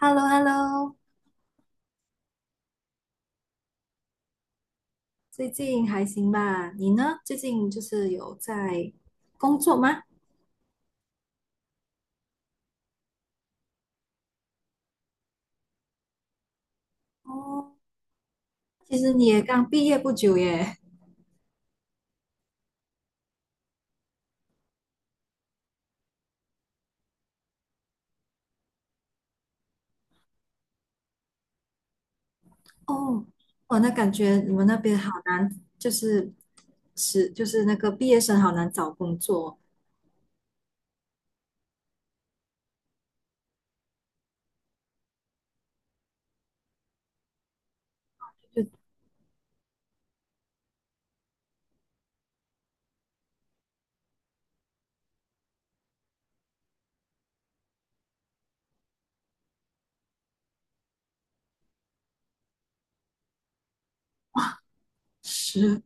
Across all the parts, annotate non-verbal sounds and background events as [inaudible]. h e l l o h e l l o。 最近还行吧？你呢？最近就是有在工作吗？哦。其实你也刚毕业不久耶。哦，哦，那感觉你们那边好难，就是那个毕业生好难找工作，就哇，是，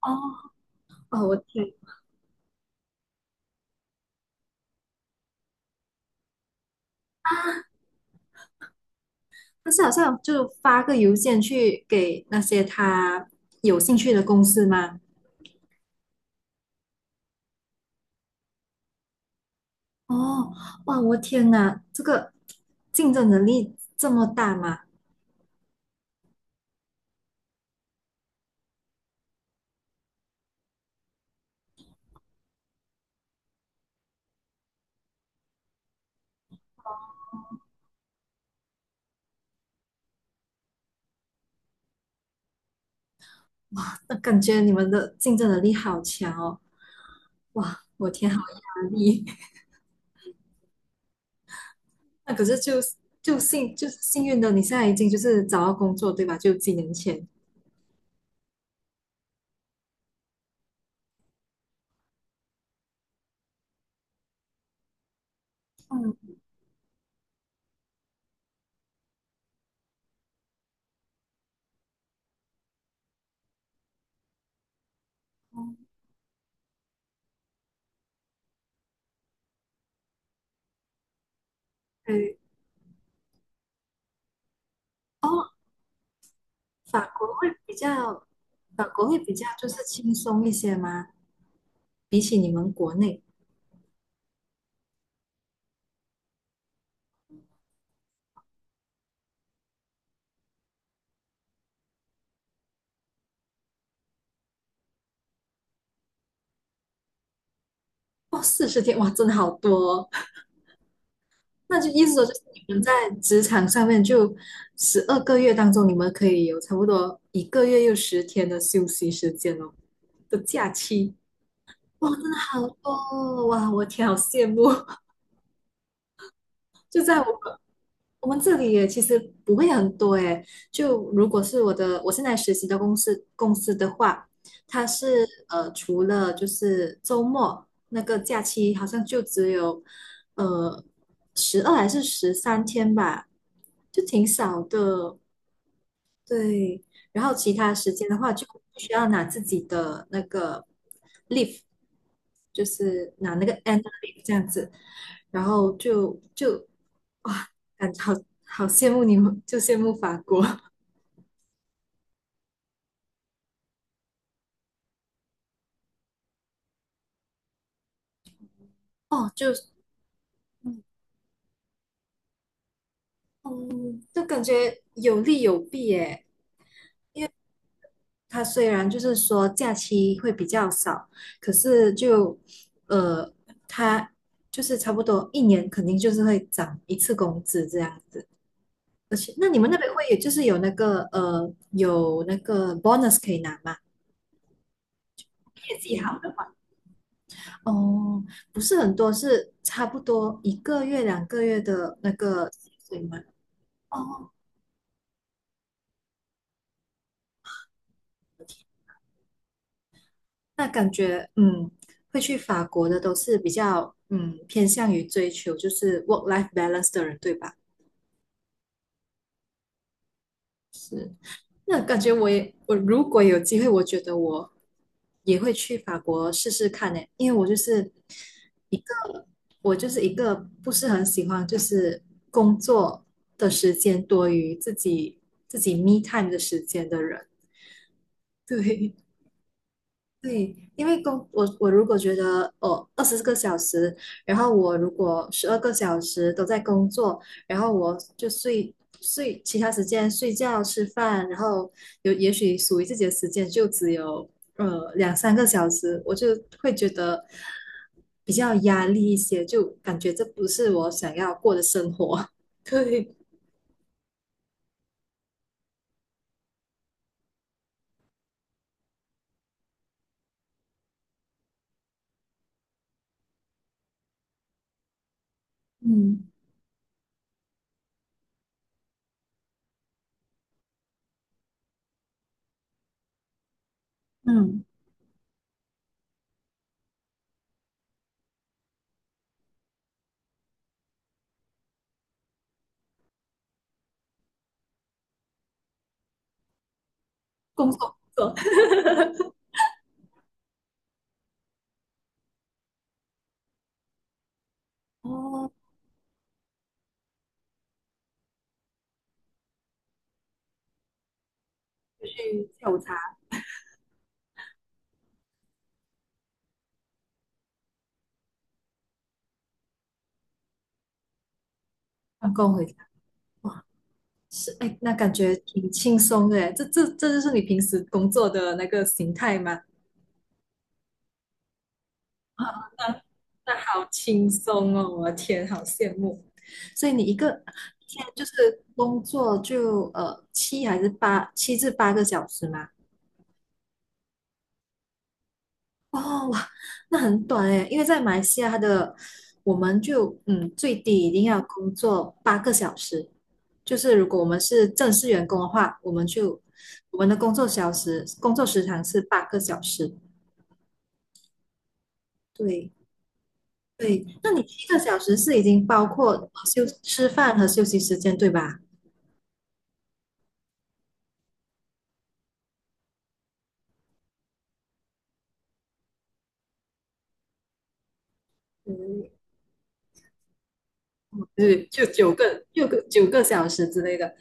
哦哦，我天！但是好像就发个邮件去给那些他有兴趣的公司吗？哦，哇，我天哪，这个竞争能力这么大吗？那感觉你们的竞争能力好强哦！哇，我天，好压力。[laughs] 那可是就幸运的，你现在已经就是找到工作，对吧？就几年前。嗯嗯，对，哦，法国会比较，法国会比较就是轻松一些吗？比起你们国内。哦，40天，哇，真的好多哦。[laughs] 那就意思说，就是你们在职场上面就12个月当中，你们可以有差不多一个月又十天的休息时间哦，的假期。哇，真的好多哦！哇，我天，好羡慕！[laughs] 就在我们这里也其实不会很多诶。就如果是我现在实习的公司的话，它是除了就是周末那个假期，好像就只有呃12还是13天吧，就挺少的。对，然后其他时间的话，就需要拿自己的那个 leave,就是拿那个 annual leave 这样子。然后就哇，感觉好羡慕你们，就羡慕法国。 [laughs] 哦，就嗯，就感觉有利有弊耶。它虽然就是说假期会比较少，可是呃，它就是差不多一年肯定就是会涨一次工资这样子。而且，那你们那边会有就是有那个有那个 bonus 可以拿吗？业绩好的。哦，不是很多，是差不多一个月两个月的那个薪水吗？哦，那感觉会去法国的都是比较偏向于追求就是 work life balance 的人，对吧？那感觉我也，我如果有机会，我觉得我也会去法国试试看呢，因为一个，我就是一个不是很喜欢就是工作的时间多于自己 me time 的时间的人。对，对，因为我如果觉得哦20个小时，然后我如果12个小时都在工作，然后我就睡其他时间睡觉吃饭，然后有也许属于自己的时间就只有2、3个小时，我就会觉得比较压力一些，就感觉这不是我想要过的生活。[laughs] 对，嗯嗯，工作工作。哦，就去下午茶，放工回家。哇。是，哎，那感觉挺轻松的，哎，这就是你平时工作的那个形态吗？啊，那好轻松哦，我的天，好羡慕。所以你一个一天就是工作就7至8个小时吗？哦，哇，那很短哎，因为在马来西亚我们就最低一定要工作八个小时，就是如果我们是正式员工的话，我们的工作时长是八个小时。对对，那你7个小时是已经包括吃饭和休息时间，对吧？嗯，对，就九个、六个、九个小时之类的。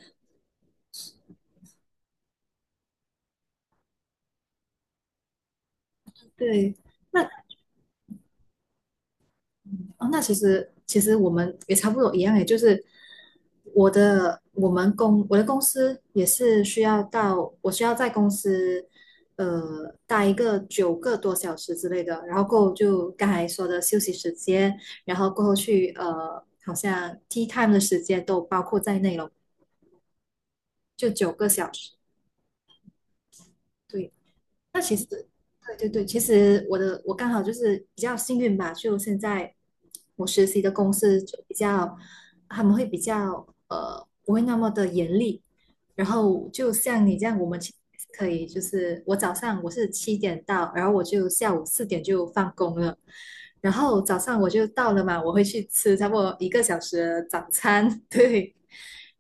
对，那哦，那其实我们也差不多一样诶，就是我的公司也是需要到我需要在公司待一个9个多小时之类的，然后过后就刚才说的休息时间，然后过后去好像 tea time 的时间都包括在内了，就九个小时，对。那其实，对对对，其实我刚好就是比较幸运吧，就现在我实习的公司就比较，他们会比较不会那么的严厉，然后就像你这样，我们其实是可以就是早上我是7点到，然后我就下午四点就放工了，然后早上我就到了嘛，我会去吃差不多一个小时的早餐。[laughs] 对，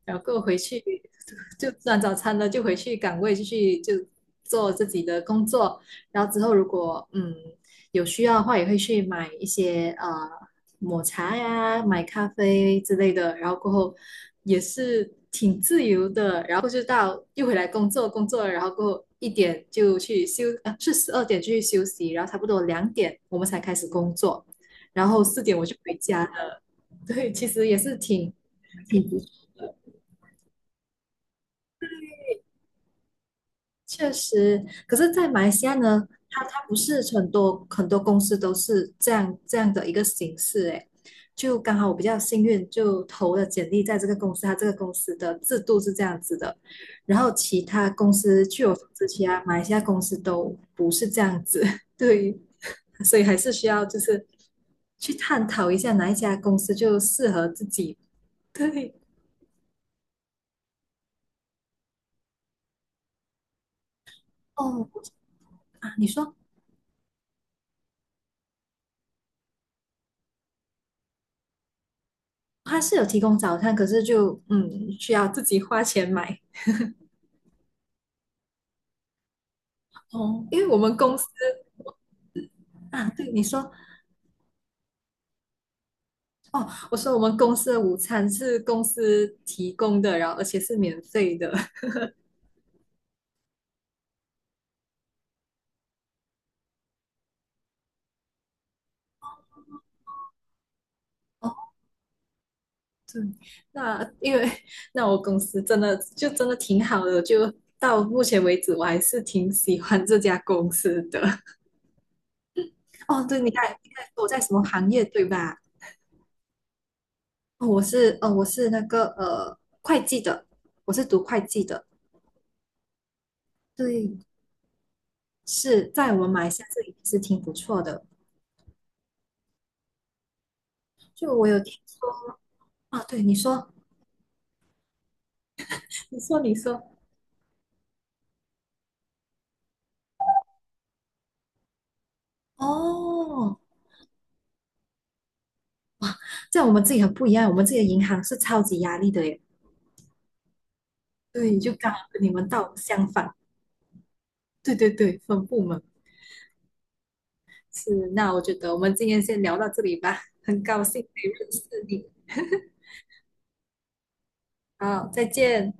然后回去就吃完早餐了，就回去岗位继续就做自己的工作，然后之后如果有需要的话，也会去买一些抹茶呀、买咖啡之类的，然后过后也是挺自由的，然后就到又回来工作，工作了，然后过后一点就去休，呃，是12点去休息，然后差不多2点我们才开始工作，然后四点我就回家了。[laughs] 对，其实也是挺挺不确实。可是，在马来西亚呢，它不是很多很多公司都是这样的一个形式，诶，就刚好我比较幸运，就投了简历在这个公司，它这个公司的制度是这样子的，然后其他公司据我所知，其他马来西亚公司都不是这样子。[laughs] 对，所以还是需要就是去探讨一下哪一家公司就适合自己，对。哦，啊，你说它是有提供早餐，可是就需要自己花钱买。哦，因为我们公司，啊，对你说。哦，我说我们公司的午餐是公司提供的，然后而且是免费的。哦，对，那因为那我公司真的就真的挺好的，就到目前为止我还是挺喜欢这家公司的。哦，对，你看你看我在什么行业对吧？哦，我是那个会计的，我是读会计的，对。是在我们马来西亚这里是挺不错的。就我有听说，啊，对你说，你说，你说。哦，在我们这里很不一样，我们这里的银行是超级压力的耶。对，就刚好跟你们倒相反。对对对，分部门，是。那我觉得我们今天先聊到这里吧，很高兴可以认识你。好，再见。